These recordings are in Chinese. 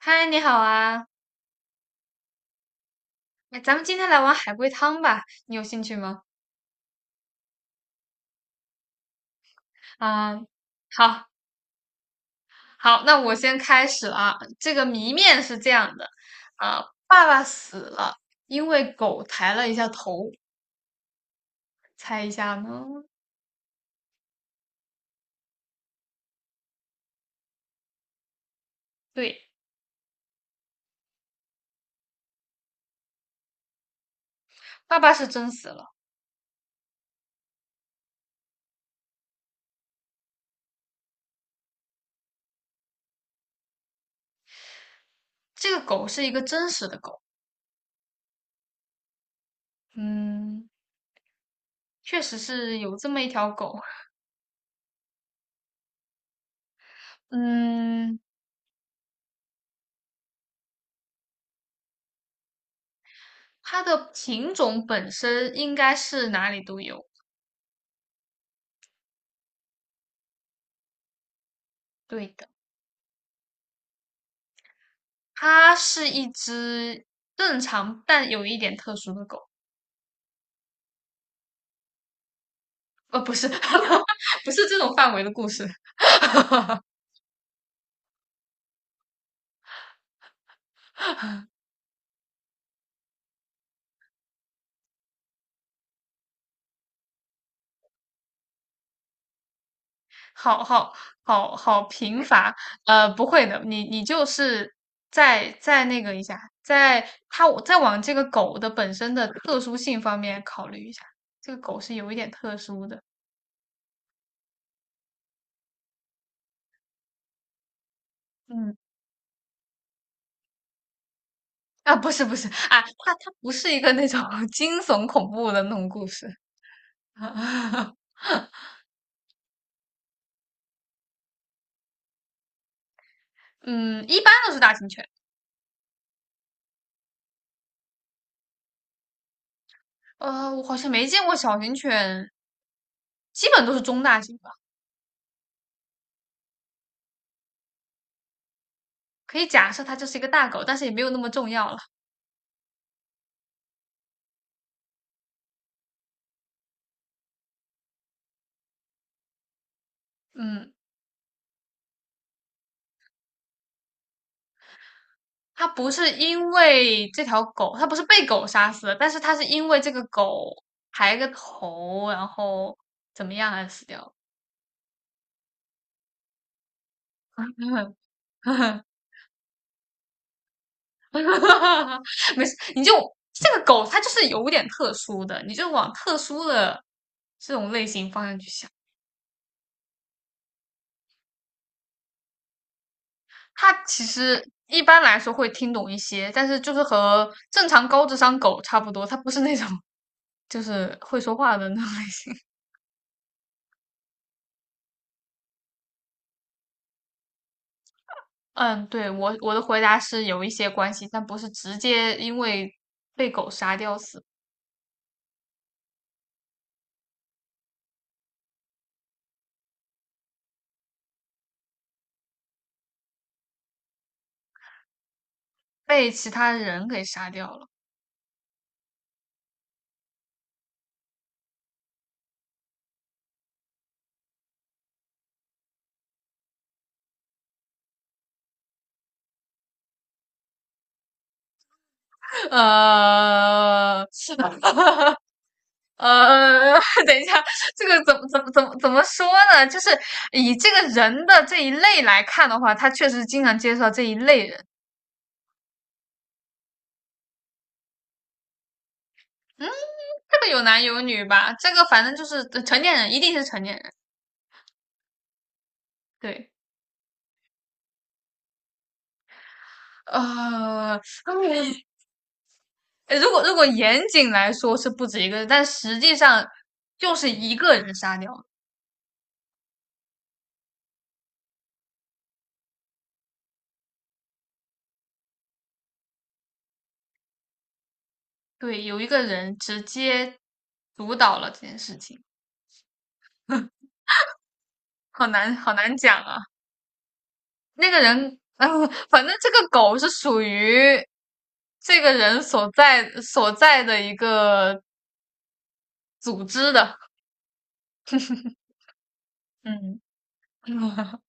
嗨，你好啊！哎，咱们今天来玩海龟汤吧，你有兴趣吗？啊，好，好，那我先开始了啊。这个谜面是这样的，啊，爸爸死了，因为狗抬了一下头，猜一下呢？对，爸爸是真死了，这个狗是一个真实的狗，嗯，确实是有这么一条狗，嗯，它的品种本身应该是哪里都有，对的。它是一只正常但有一点特殊的狗，不是，不是这种范围的故事，好好好好贫乏，不会的，你就是再那个一下，在它再往这个狗的本身的特殊性方面考虑一下，这个狗是有一点特殊的，嗯。啊，不是不是啊，它不是一个那种 惊悚恐怖的那种故事，嗯，一般都是大型犬。我好像没见过小型犬，基本都是中大型吧。可以假设它就是一个大狗，但是也没有那么重要了。嗯，它不是因为这条狗，它不是被狗杀死的，但是它是因为这个狗抬个头，然后怎么样而死掉了 没事，你就这个狗，它就是有点特殊的，你就往特殊的这种类型方向去想。它其实一般来说会听懂一些，但是就是和正常高智商狗差不多，它不是那种就是会说话的那种类型。嗯，对，我的回答是有一些关系，但不是直接因为被狗杀掉死，被其他人给杀掉了。呃 是的，呃，等一下，这个怎么说呢？就是以这个人的这一类来看的话，他确实经常介绍这一类人。嗯，这个有男有女吧？这个反正就是成年人，一定是成年人。对，呃，呃如果严谨来说是不止一个人，但实际上就是一个人杀掉了对，有一个人直接主导了这件事情，好难好难讲啊。那个人，反正这个狗是属于这个人所在的一个组织的，嗯。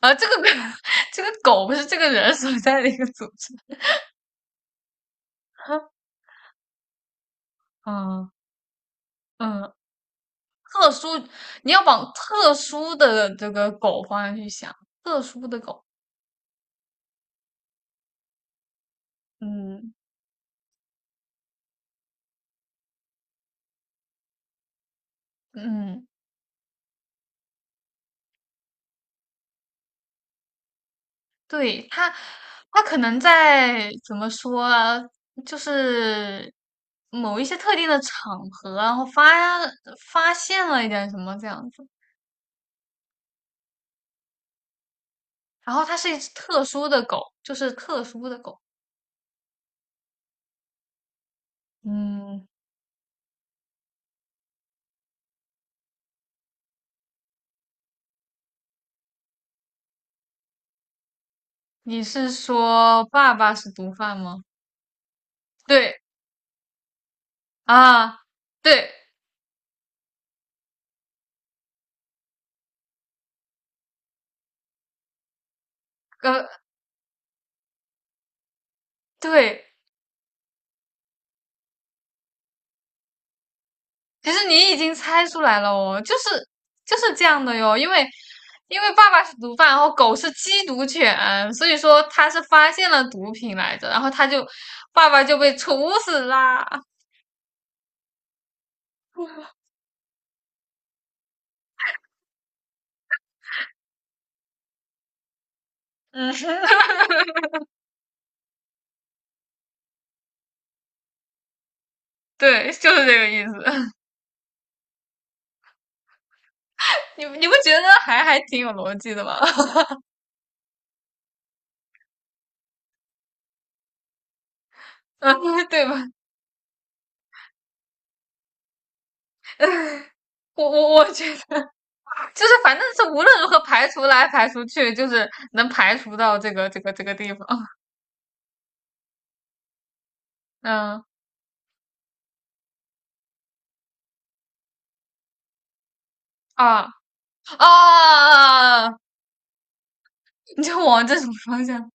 啊，这个 这个狗不是这个人所在的一个组织。嗯嗯，特殊，你要往特殊的这个狗方向去想，特殊的狗，嗯嗯，对，它可能在怎么说啊，就是某一些特定的场合啊，然后发现了一点什么这样子，然后它是一只特殊的狗，就是特殊的狗，嗯。你是说爸爸是毒贩吗？对啊，对，呃，对，其实你已经猜出来了哦，就是就是这样的哟，因为因为爸爸是毒贩，然后狗是缉毒犬，所以说他是发现了毒品来着，然后他就爸爸就被处死啦。嗯，对，就是这个意思。你你不觉得还还挺有逻辑的吗？嗯，对吧？我觉得就是反正是无论如何排除来排除去，就是能排除到这个这个这个地方。嗯。啊啊！你就往这种方向，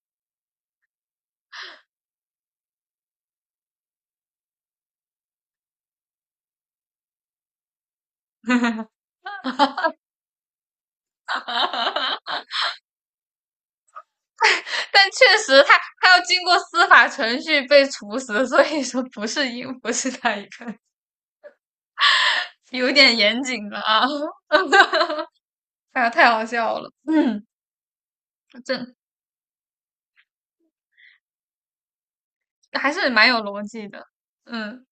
但确实他他要经过司法程序被处死，所以说不是因不是他一个人有点严谨了啊！哎呀，太好笑了，嗯，这还是蛮有逻辑的，嗯，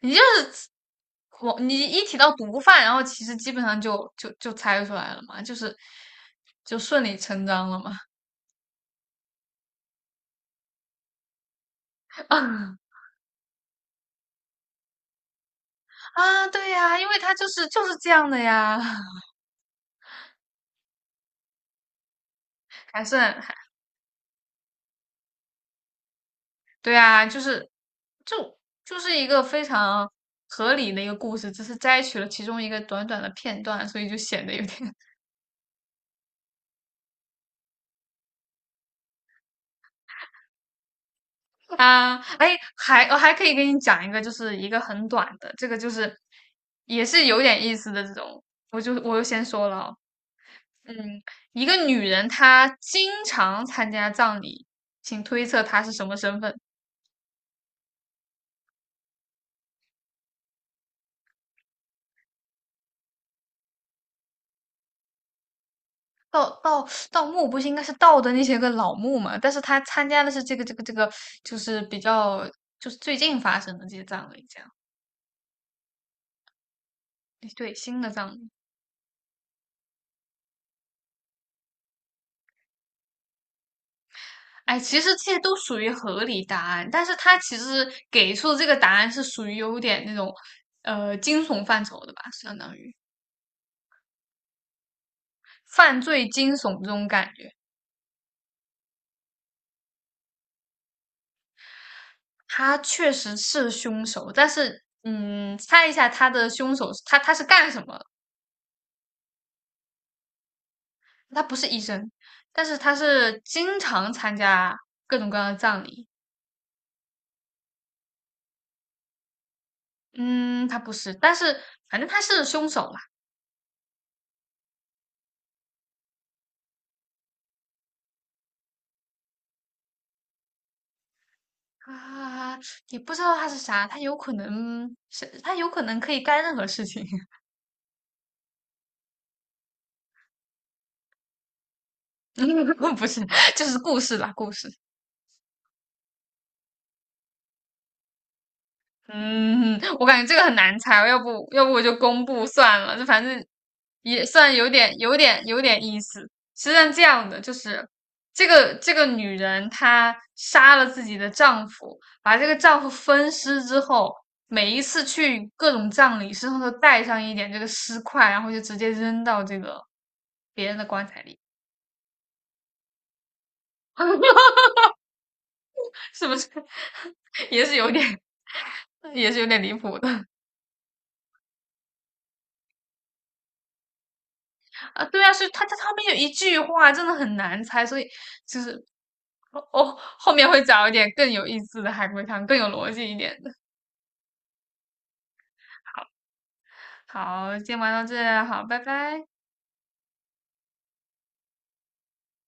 你就是我你一提到毒贩，然后其实基本上就猜出来了嘛，就是就顺理成章了嘛，啊啊，对呀，因为他就是就是这样的呀。还是很还对啊，就是就就是一个非常合理的一个故事，只是摘取了其中一个短短的片段，所以就显得有点 啊，哎，还我还可以给你讲一个，就是一个很短的，这个就是也是有点意思的这种，我就先说了哦嗯，一个女人她经常参加葬礼，请推测她是什么身份？盗墓不是应该是盗的那些个老墓嘛？但是他参加的是这个这个这个，就是比较就是最近发生的这些葬礼，这样对新的葬礼。哎，其实这些都属于合理答案，但是他其实给出的这个答案是属于有点那种惊悚范畴的吧，相当于犯罪惊悚这种感觉。他确实是凶手，但是嗯，猜一下他的凶手，他是干什么他不是医生，但是他是经常参加各种各样的葬礼。嗯，他不是，但是反正他是凶手嘛。啊，也不知道他是啥，他有可能是，他有可能可以干任何事情。不是，就是故事啦，故事。嗯，我感觉这个很难猜，要不我就公布算了，就反正也算有点有点意思。实际上这样的，就是这个这个女人她杀了自己的丈夫，把这个丈夫分尸之后，每一次去各种葬礼，身上都带上一点这个尸块，然后就直接扔到这个别人的棺材里，是不是？也是有点，也是有点离谱的。啊，对啊，是他们有一句话真的很难猜，所以就是哦哦，后面会找一点更有意思的海龟汤，更有逻辑一点的。好，好，今天玩到这，好，拜拜。